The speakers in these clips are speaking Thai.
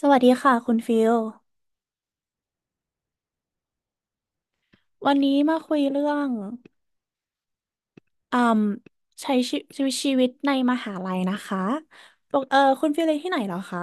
สวัสดีค่ะคุณฟิล วันนี้มาคุยเรื่องอืมใช้ชีวิตในมหาลัยนะคะปกเออคุณฟิลเรียนที่ไหนเหรอคะ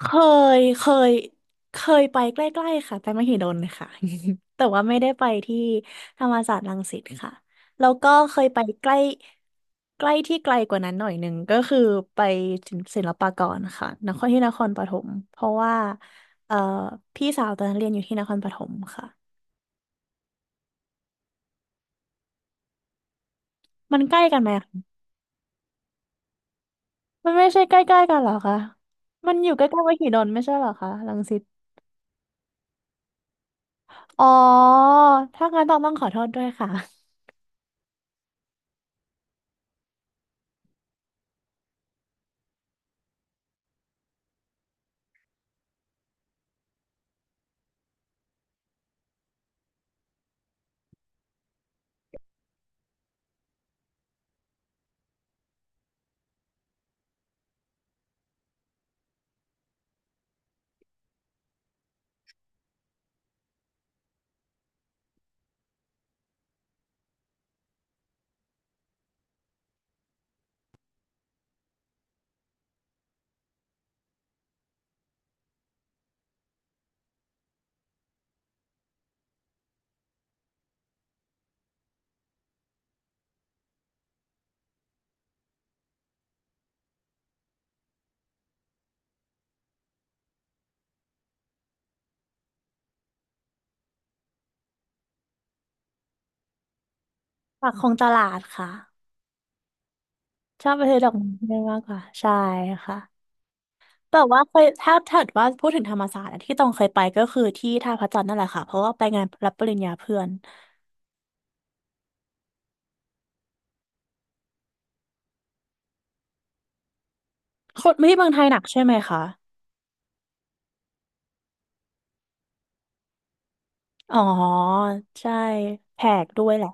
เคยเคยเคยไปใกล้ๆค่ะไปมหิดลค่ะ แต่ว่าไม่ได้ไปที่ธรรมศาสตร์รังสิตค่ะ แล้วก็เคยไปใกล้ใกล้ที่ไกลกว่านั้นหน่อยหนึ่งก็คือไปศิลปากรค่ะนครที่นครปฐมเพราะว่าเอ่อพี่สาวตอนนั้นเรียนอยู่ที่นครปฐมค่ะมันใกล้กันไหม มันไม่ใช่ใกล้ๆกันเหรอคะ มันอยู่ใกล้ๆมหิดลไม่ใช่เหรอคะรังสิตอ๋อถ้างั้นต้องขอโทษด้วยค่ะปากคลองตลาดค่ะชอบไปซื้อดอกไม้มากกว่าใช่ค่ะแต่ว่าเคยถ้าว่าพูดถึงธรรมศาสตร์อะที่ต้องเคยไปก็คือที่ท่าพระจันทร์นั่นแหละค่ะเพราะว่าไปงานรับปริญญาเพื่อนคนไม่ที่เมืองไทยหนักใช่ไหมคะอ๋อใช่แพกด้วยแหละ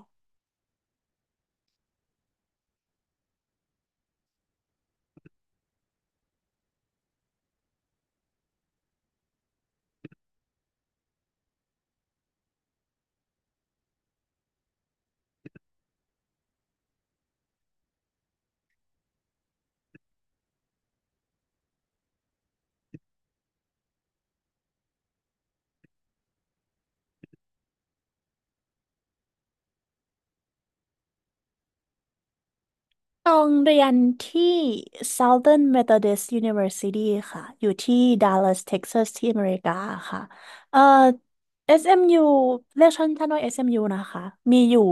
ตองเรียนที่ Southern Methodist University ค่ะ อยู่ที่ Dallas Texas ที่อเมริกาค่ะเอ่อ SMU เอ็มยูเรียกสั้นๆว่า SMU นะคะ มีอยู่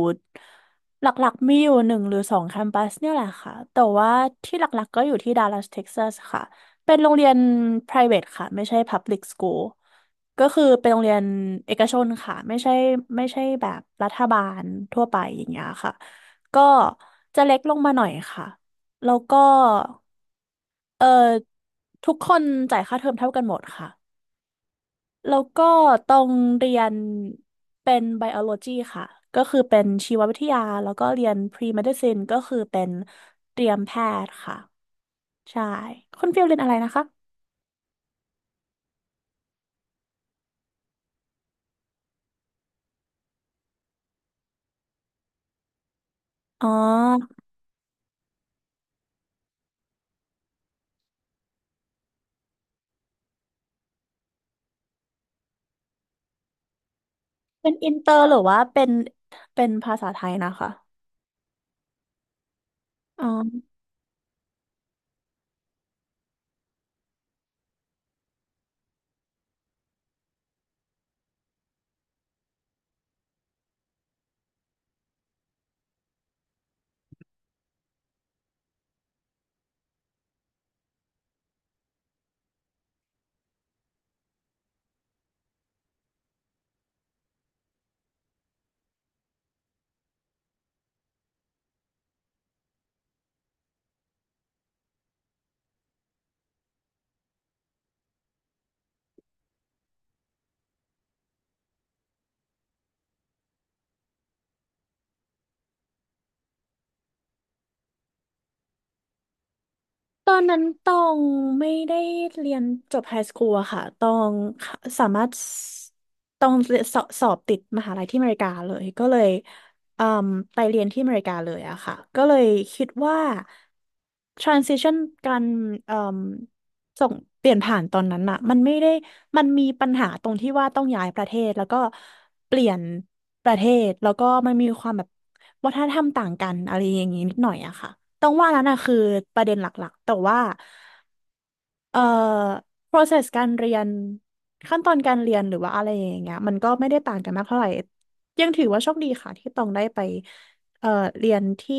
หลักๆมีอยู่หนึ่งหรือสองแคมปัสเนี่ยแหละค่ะ แต่ว่าที่หลักๆก็อยู่ที่ Dallas Texas ค่ะ เป็นโรงเรียน private ค่ะ ไม่ใช่ public school ก็คือเป็นโรงเรียนเอกชนค่ะ ไม่ใช่แบบรัฐบาลทั่วไปอย่างเงี้ยค่ะ ก็จะเล็กลงมาหน่อยค่ะ แล้วก็เอ่อทุกคนจ่ายค่าเทอมเท่ากันหมดค่ะ แล้วก็ตรงเรียนเป็นไบโอโลจีค่ะ ก็คือเป็นชีววิทยา แล้วก็เรียนพรีเมดิซินก็คือเป็นเตรียมแพทย์ค่ะ ใช่ คุณฟิลเรียนอะไรนะคะ อ๋อ เป็นอินเตอร์หรือว่าเป็นภาษาไทยนะคะอ๋อ ตอนนั้นตองไม่ได้เรียนจบไฮสคูลอะค่ะตองสามารถตองสอบติดมหาลัยที่อเมริกาเลย ก็เลยอืมไปเรียนที่อเมริกาเลยอะค่ะ ก็เลยคิดว่า transition การอืมส่งเปลี่ยนผ่านตอนนั้นอะมันไม่ได้มันมีปัญหาตรงที่ว่าต้องย้ายประเทศแล้วก็เปลี่ยนประเทศแล้วก็มันมีความแบบวัฒนธรรมต่างกันอะไรอย่างงี้นิดหน่อยอะค่ะ ต้องว่านั้นนะคือประเด็นหลักๆ แต่ว่าเอ่อ process การเรียนขั้นตอนการเรียนหรือว่าอะไรอย่างเงี้ยมันก็ไม่ได้ต่างกันมากเท่าไหร่ยังถือว่าโชคดีค่ะที่ต้องได้ไปเอ่อเรียนที่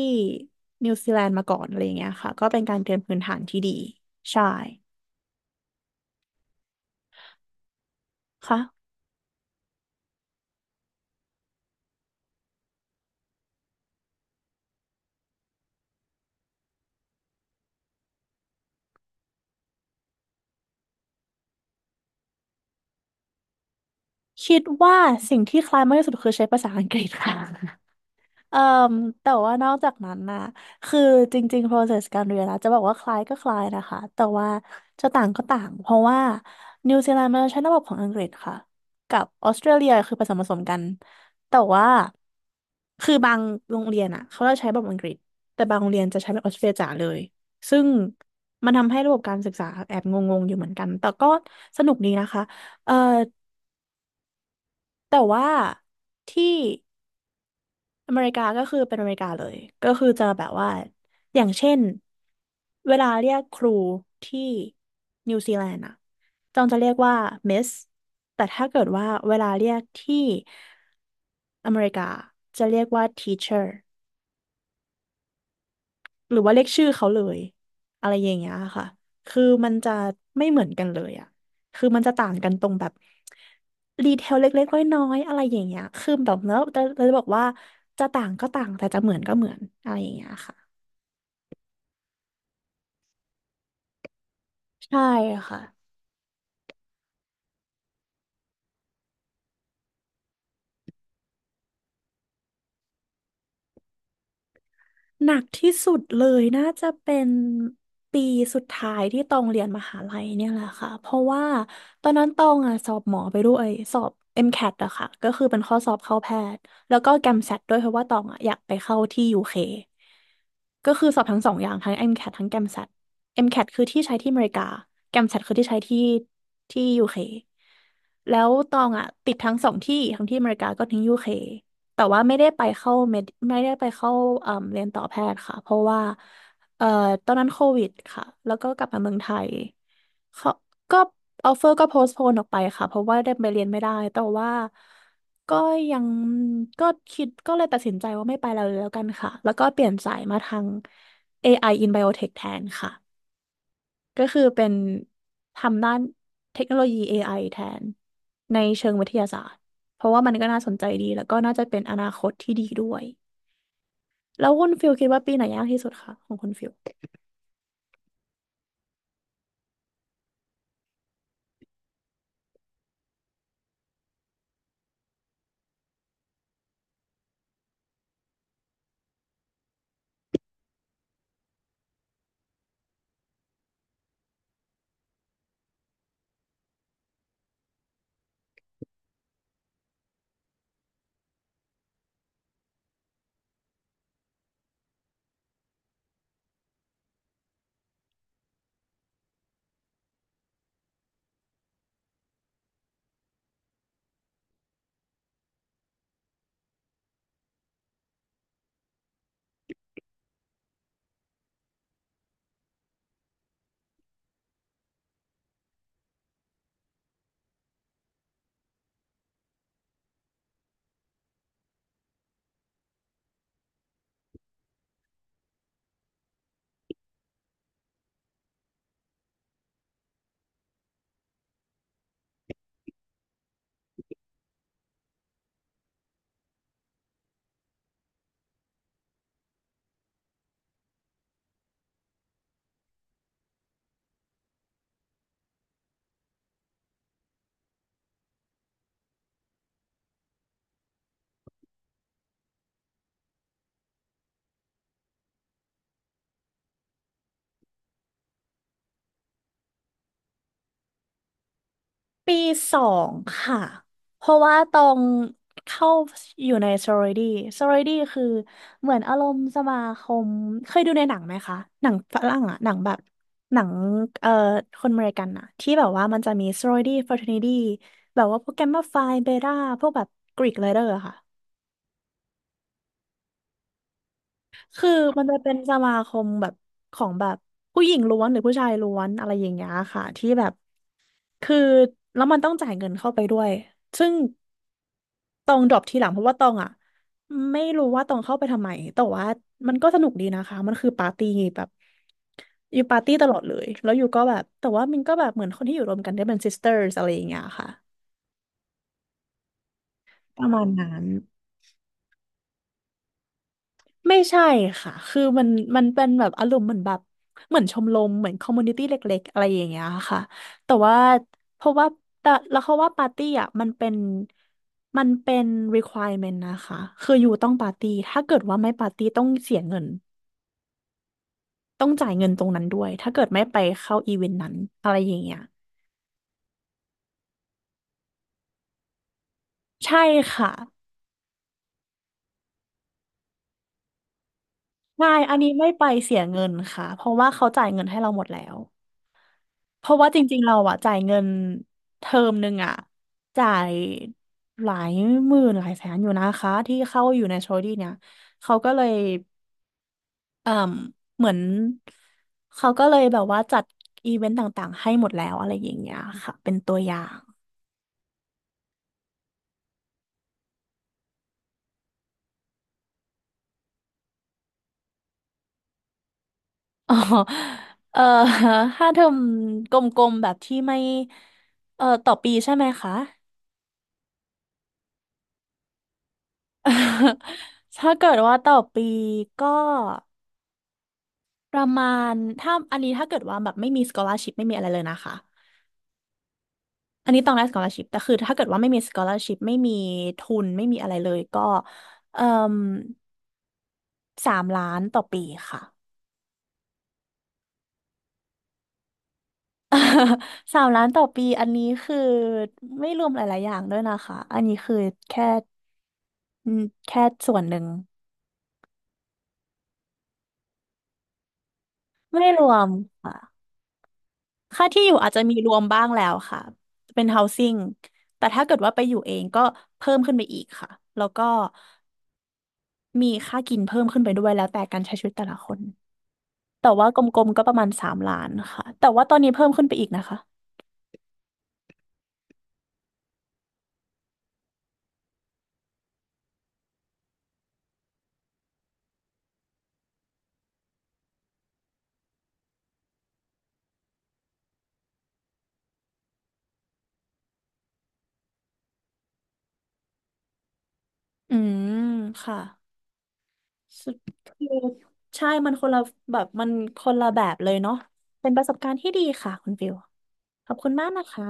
นิวซีแลนด์มาก่อนอะไรอย่างเงี้ยค่ะก็เป็นการเตรียมพื้นฐานที่ดีใช่ค่ะคิดว่าสิ่งที่คล้ายมากที่สุดคือใช้ภาษาอังกฤษค่ะ เอ่อแต่ว่านอกจากนั้นนะคือจริงๆ process การเรียนนะจะบอกว่าคล้ายก็คล้ายนะคะแต่ว่าจะต่างก็ต่างเพราะว่านิวซีแลนด์มันใช้ระบบของอังกฤษค่ะกับออสเตรเลียคือผสมกันแต่ว่าคือบางโรงเรียนอ่ะเขาจะใช้แบบอังกฤษแต่บางโรงเรียนจะใช้แบบออสเตรเลียจ๋าเลยซึ่งมันทำให้ระบบการศึกษาแอบงงๆอยู่เหมือนกันแต่ก็สนุกดีนะคะเอ่อแต่ว่าที่ อเมริกาก็คือเป็นอเมริกาเลย ก็คือจะแบบว่า อย่างเช่น เวลาเรียกครูที่นิวซีแลนด์อะจองจะเรียกว่ามิสแต่ถ้าเกิดว่าเวลาเรียกที่อเมริกาจะเรียกว่า teacher หรือว่าเรียกชื่อเขาเลยอะไรอย่างเงี้ยค่ะคือมันจะไม่เหมือนกันเลยอะคือมันจะต่างกันตรงแบบดีเทลเล็กๆน้อยๆอะไรอย่างเงี้ยคือแบบแล้วเราจะบอกว่าจะต่างก็ต่างแต่จะเหมือนก็เหมือนอะไรอย่างเงี้ยค่ะ ใช่ค่ะหนักที่สุดเลยน่าจะเป็นปีสุดท้ายที่ตองเรียนมหาลัยเนี่ยแหละค่ะเพราะว่าตอนนั้นตองอ่ะสอบหมอไปด้วยสอบ MCAT อมแคทอะค่ะก็คือเป็นข้อสอบเข้าแพทย์แล้วก็แกมแซ t ด้วยเพราะว่าตองอ่ะอยากไปเข้าที่ UK ก็คือสอบทั้งสองอย่างทั้ง MCAT ททั้ง GAMSAT MCAT คทคือที่ใช้ที่อเมริกา g กมแซ t คือที่ใช้ที่ที่ UK แล้วตองอ่ะติดทั้งสองที่ทั้งที่อเมริกาก็ทั้ง UK แต่ว่าไม่ได้ไปเข้าเมดไม่ได้ไปเข้าเอ่มเรียนต่อแพทย์ค่ะเพราะว่าเอ่อตอนนั้นโควิดค่ะแล้วก็กลับมาเมืองไทยเขาก็ออฟเฟอร์ก็โพสต์โพนออกไปค่ะเพราะว่าได้ไปเรียนไม่ได้แต่ว่าก็ยังก็คิดก็เลยตัดสินใจว่าไม่ไปแล้วแล้วกันค่ะแล้วก็เปลี่ยนสายมาทาง AI in Biotech แทนค่ะ ก็คือเป็นทำด้านเทคโนโลยี AI แทนในเชิงวิทยาศาสตร์ เพราะว่ามันก็น่าสนใจดีแล้วก็น่าจะเป็นอนาคตที่ดีด้วย แล้วคุณฟิลคิดว่าปีไหนยากที่สุดคะของคุณฟิล ปีสองค่ะเพราะว่าตองเข้าอยู่ในซอโร r ดี้ซอโร r ดี้คือเหมือนอารมณ์สมาคมเคยดูในหนังไหมคะหนังฝรั่งอะหนังแบบหนังเอ่อคนอเมริกันอะที่แบบว่ามันจะมีซอโร r ดี้ฟรา t e r n i t แบบว่าพวกแกมมาไพเบต้าพวกแบบกรีกไรเดอร์ค่ะคือมันจะเป็นสมาคมแบบของแบบผู้หญิงล้วนหรือผู้ชายล้วนอะไรอย่างเงี้ยค่ะที่แบบ คือแล้วมันต้องจ่ายเงินเข้าไปด้วย ซึ่งตองดรอปทีหลังเพราะว่าตองอ่ะไม่รู้ว่าตองเข้าไปทำไม แต่ว่ามันก็สนุกดีนะคะ มันคือปาร์ตี้แบบอยู่ปาร์ตี้ตลอดเลยแล้วอยู่ก็แบบแต่ว่ามันก็แบบเหมือนคนที่อยู่รวมกันได้เป็น sisters อะไรอย่างเงี้ยค่ะประมาณนั้น ไม่ใช่ค่ะ คือมันเป็นแบบอารมณ์เหมือนแบบเหมือนชมรมเหมือนคอมมูนิตี้เล็กๆอะไรอย่างเงี้ยค่ะแต่ว่าเพราะว่าแต่แล้วเขาว่าปาร์ตี้อ่ะมันเป็น requirement นะคะคืออยู่ต้องปาร์ตี้ถ้าเกิดว่าไม่ปาร์ตี้ต้องเสียเงินต้องจ่ายเงินตรงนั้นด้วย ถ้าเกิดไม่ไปเข้าอีเวนต์นั้นอะไรอย่างเงี้ยใช่ค่ะใช่อันนี้ไม่ไปเสียเงินค่ะเพราะว่าเขาจ่ายเงินให้เราหมดแล้ว เพราะว่าจริงๆเราอะจ่ายเงินเทอมหนึ่งอะจ่ายหลายหมื่นหลายแสนอยู่นะคะที่เข้าอยู่ในโชดี้เนี่ยเขาก็เลยเอ่มเหมือนเขาก็เลยแบบว่าจัดอีเวนต์ต่างๆให้หมดแล้วอะไรอย่างเงี้ยค่ะเป็นตัวอย่างอ๋อเออถ้าเทอมกลมๆแบบที่ไม่เออต่อปีใช่ไหมคะ ถ้าเกิดว่าต่อปีก็ ประมาณถ้าอันนี้ถ้าเกิดว่าแบบไม่มี scholarship ไม่มีอะไรเลยนะคะอันนี้ต้องได้ scholarship แต่คือถ้าเกิดว่าไม่มี scholarship ไม่มีทุนไม่มีอะไรเลยก็เอ่มสามล้านต่อปีค่ะ สามล้านต่อปีอันนี้คือไม่รวมหลายๆอย่างด้วยนะคะอันนี้คือแค่อืมแค่ส่วนหนึ่งไม่รวมค่ะค่าที่อยู่อาจจะมีรวมบ้างแล้วค่ะเป็น housing แต่ถ้าเกิดว่าไปอยู่เองก็เพิ่มขึ้นไปอีกค่ะแล้วก็ มีค่ากินเพิ่มขึ้นไปด้วยแล้วแต่การใช้ชีวิตแต่ละคนแต่ว่ากลมๆก็ประมาณสามล้านค่ะแต่ว่าตอนนี้เพิ่มขึ้นไปอีกนะคะอืมค่ะสุดคือใช่มันคนละแบบเลยเนาะเป็นประสบการณ์ที่ดีค่ะคุณฟิวขอบคุณมากนะคะ